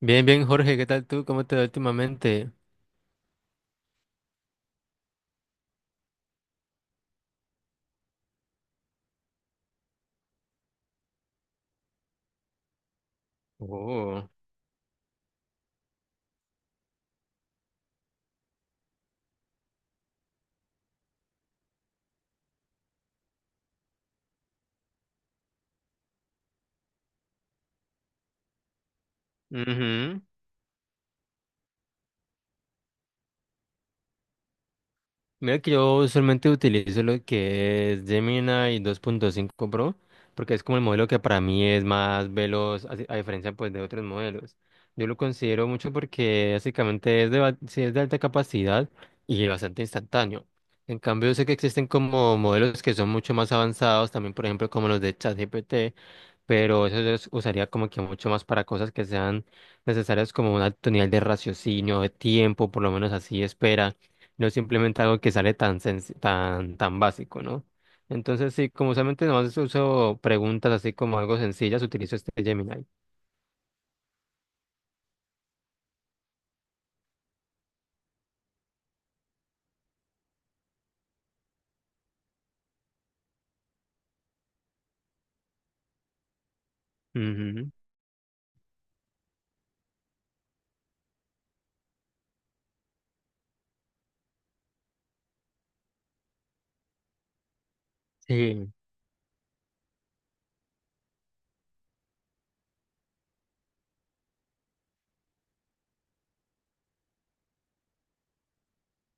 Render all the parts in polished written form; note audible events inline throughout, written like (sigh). Bien, bien, Jorge, ¿qué tal tú? ¿Cómo te va últimamente? Oh, ujú. Mira que yo usualmente utilizo lo que es Gemini 2.5 Pro, porque es como el modelo que para mí es más veloz, a diferencia pues de otros modelos. Yo lo considero mucho porque básicamente es sí, es de alta capacidad y bastante instantáneo. En cambio, yo sé que existen como modelos que son mucho más avanzados, también por ejemplo como los de ChatGPT, pero eso yo usaría como que mucho más para cosas que sean necesarias como un alto nivel de raciocinio, de tiempo, por lo menos así espera, no simplemente algo que sale tan senc- tan tan básico, ¿no? Entonces sí, como solamente nomás uso preguntas así como algo sencillas, utilizo este Gemini. Ujú. Sí,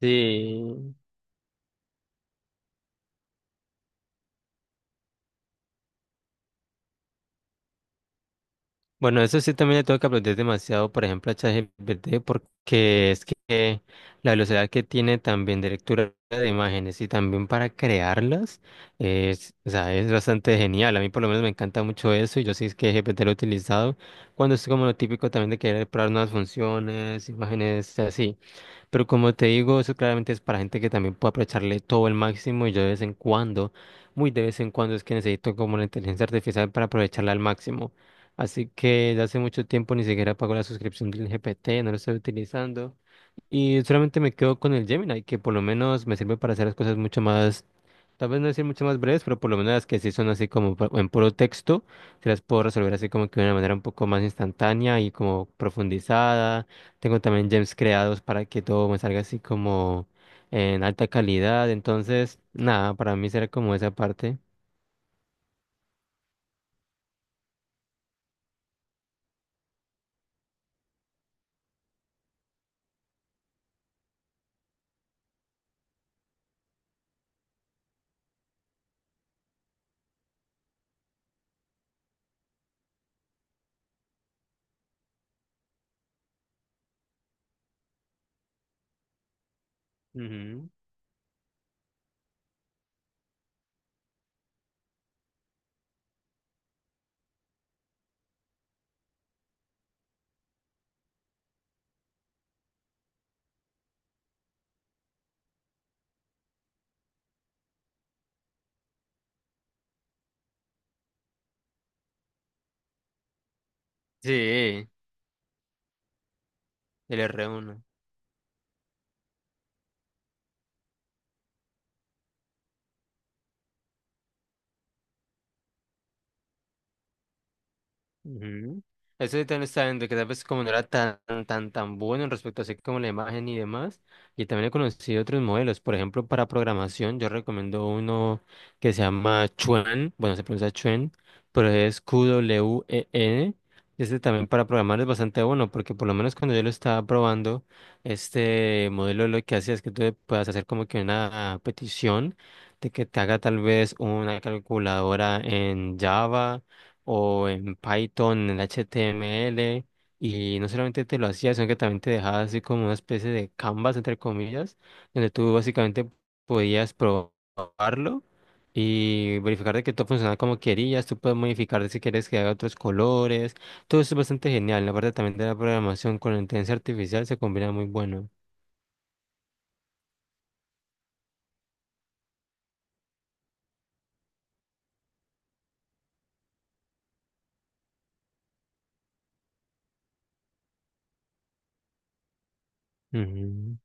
sí. Bueno, eso sí también le tengo que aprender demasiado, por ejemplo, a ChatGPT, porque es que la velocidad que tiene también de lectura de imágenes y también para crearlas, es, o sea, es bastante genial. A mí por lo menos me encanta mucho eso y yo sí es que GPT lo he utilizado cuando es como lo típico también de querer probar nuevas funciones, imágenes así. Pero como te digo, eso claramente es para gente que también puede aprovecharle todo el máximo y yo de vez en cuando, muy de vez en cuando es que necesito como la inteligencia artificial para aprovecharla al máximo. Así que desde hace mucho tiempo ni siquiera pago la suscripción del GPT, no lo estoy utilizando. Y solamente me quedo con el Gemini, que por lo menos me sirve para hacer las cosas mucho más, tal vez no decir mucho más breves, pero por lo menos las que sí son así como en puro texto, se las puedo resolver así como que de una manera un poco más instantánea y como profundizada. Tengo también gems creados para que todo me salga así como en alta calidad. Entonces, nada, para mí será como esa parte. Ujú. Sí, el R1. Ujú. Eso sí también está viendo que tal vez como no era tan, tan, tan bueno en respecto a así como la imagen y demás. Y también he conocido otros modelos. Por ejemplo, para programación, yo recomiendo uno que se llama Chuen. Bueno, se pronuncia Chuen, pero es Qwen. Este también para programar es bastante bueno, porque por lo menos cuando yo lo estaba probando, este modelo lo que hacía es que tú le puedas hacer como que una petición de que te haga tal vez una calculadora en Java o en Python, en HTML, y no solamente te lo hacía, sino que también te dejaba así como una especie de canvas, entre comillas, donde tú básicamente podías probarlo y verificar de que todo funcionaba como querías, tú puedes modificar de si quieres que haga otros colores, todo eso es bastante genial, la parte también de la programación con la inteligencia artificial se combina muy bueno. Ujú.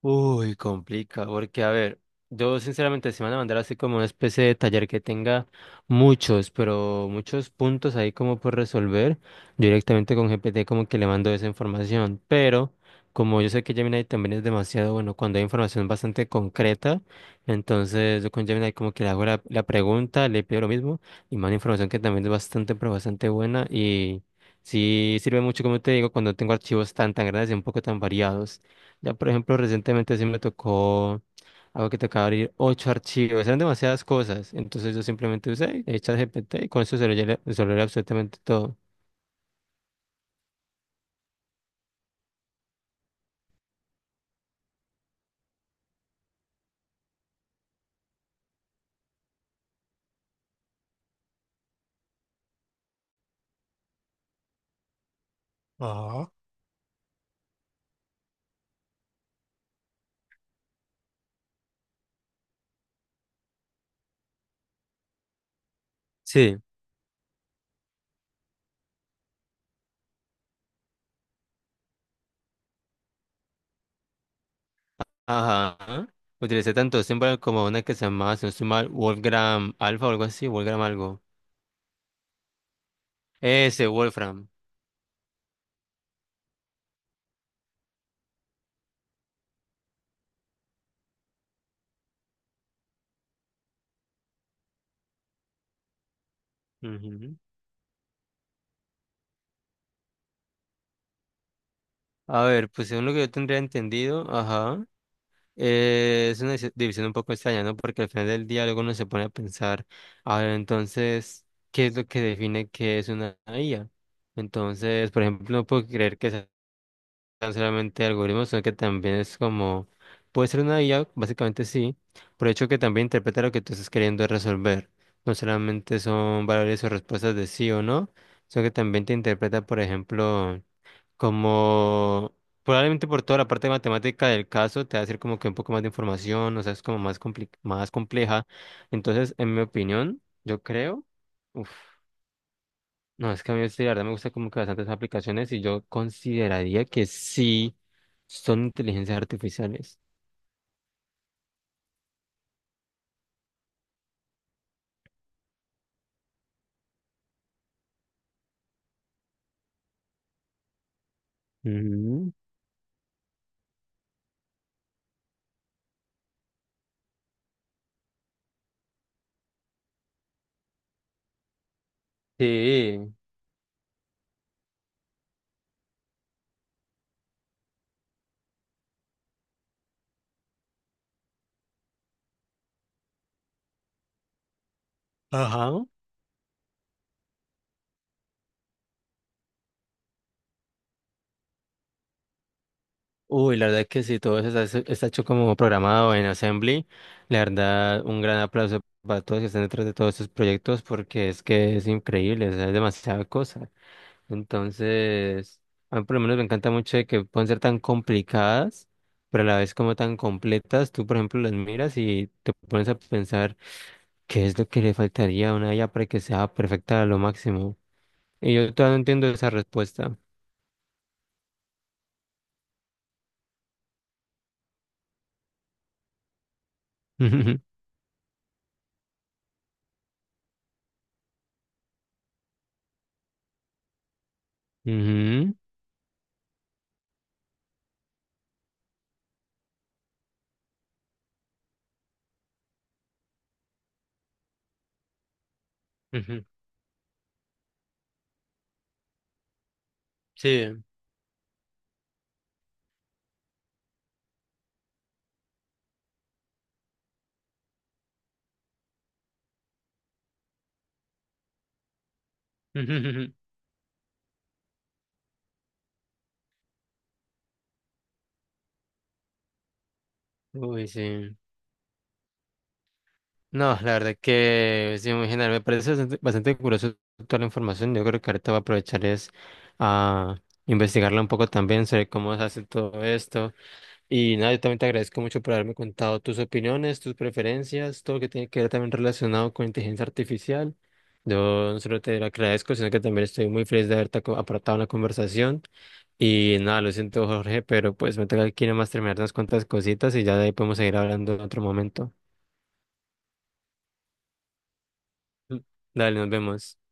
Uy, complica, porque a ver, yo sinceramente se van a mandar así como una especie de taller que tenga muchos, pero muchos puntos ahí como por resolver, yo directamente con GPT como que le mando esa información, pero como yo sé que Gemini también es demasiado bueno cuando hay información bastante concreta, entonces yo con Gemini como que le hago la pregunta, le pido lo mismo y mando información que también es bastante, pero bastante buena y sí sirve mucho, como te digo, cuando tengo archivos tan, tan grandes y un poco tan variados. Ya, por ejemplo, recientemente sí me tocó algo que tocaba abrir ocho archivos, eran demasiadas cosas, entonces yo simplemente usé ChatGPT y con eso se lo llené- absolutamente todo. Ajá. Sí. Ajá. Utilicé tanto símbolo como una que se llamaba, si no estoy mal, Wolfgram Alpha o algo así, Wolfgram algo. Ese, Wolfram. Ujú. A ver, pues según lo que yo tendría entendido, ajá. Es una división un poco extraña, ¿no? Porque al final del día luego uno se pone a pensar, a ver, entonces, ¿qué es lo que define qué es una IA? Entonces, por ejemplo, no puedo creer que sean solamente algoritmos, sino que también es como, puede ser una IA, básicamente sí, por el hecho que también interpreta lo que tú estás queriendo resolver. No solamente son valores o respuestas de sí o no, sino que también te interpreta, por ejemplo, como probablemente por toda la parte matemática del caso te va a hacer como que un poco más de información, o sea, es como más más compleja. Entonces, en mi opinión, yo creo, uf, no, es que a mí sí, la verdad me gusta como que bastantes aplicaciones y yo consideraría que sí son inteligencias artificiales. Ujú. Sí, ajá. Uy, la verdad que sí, todo eso está hecho como programado en Assembly. La verdad, un gran aplauso para todos que están detrás de todos estos proyectos porque es que es increíble, o sea, es demasiada cosa. Entonces, a mí por lo menos me encanta mucho de que pueden ser tan complicadas, pero a la vez como tan completas. Tú, por ejemplo, las miras y te pones a pensar qué es lo que le faltaría a una IA para que sea perfecta a lo máximo. Y yo todavía no entiendo esa respuesta. (laughs) Ujú, ujú. Sí. (laughs) Uy, sí. No, la verdad que sí, muy genial. Me parece bastante, bastante curioso toda la información. Yo creo que ahorita voy a aprovechar es a investigarla un poco también sobre cómo se hace todo esto. Y nada, yo también te agradezco mucho por haberme contado tus opiniones, tus preferencias, todo lo que tiene que ver también relacionado con inteligencia artificial. Yo no solo te lo agradezco, sino que también estoy muy feliz de haberte aportado en la conversación. Y nada, lo siento, Jorge, pero pues me tengo que ir nomás terminar unas cuantas cositas y ya de ahí podemos seguir hablando en otro momento. Dale, nos vemos.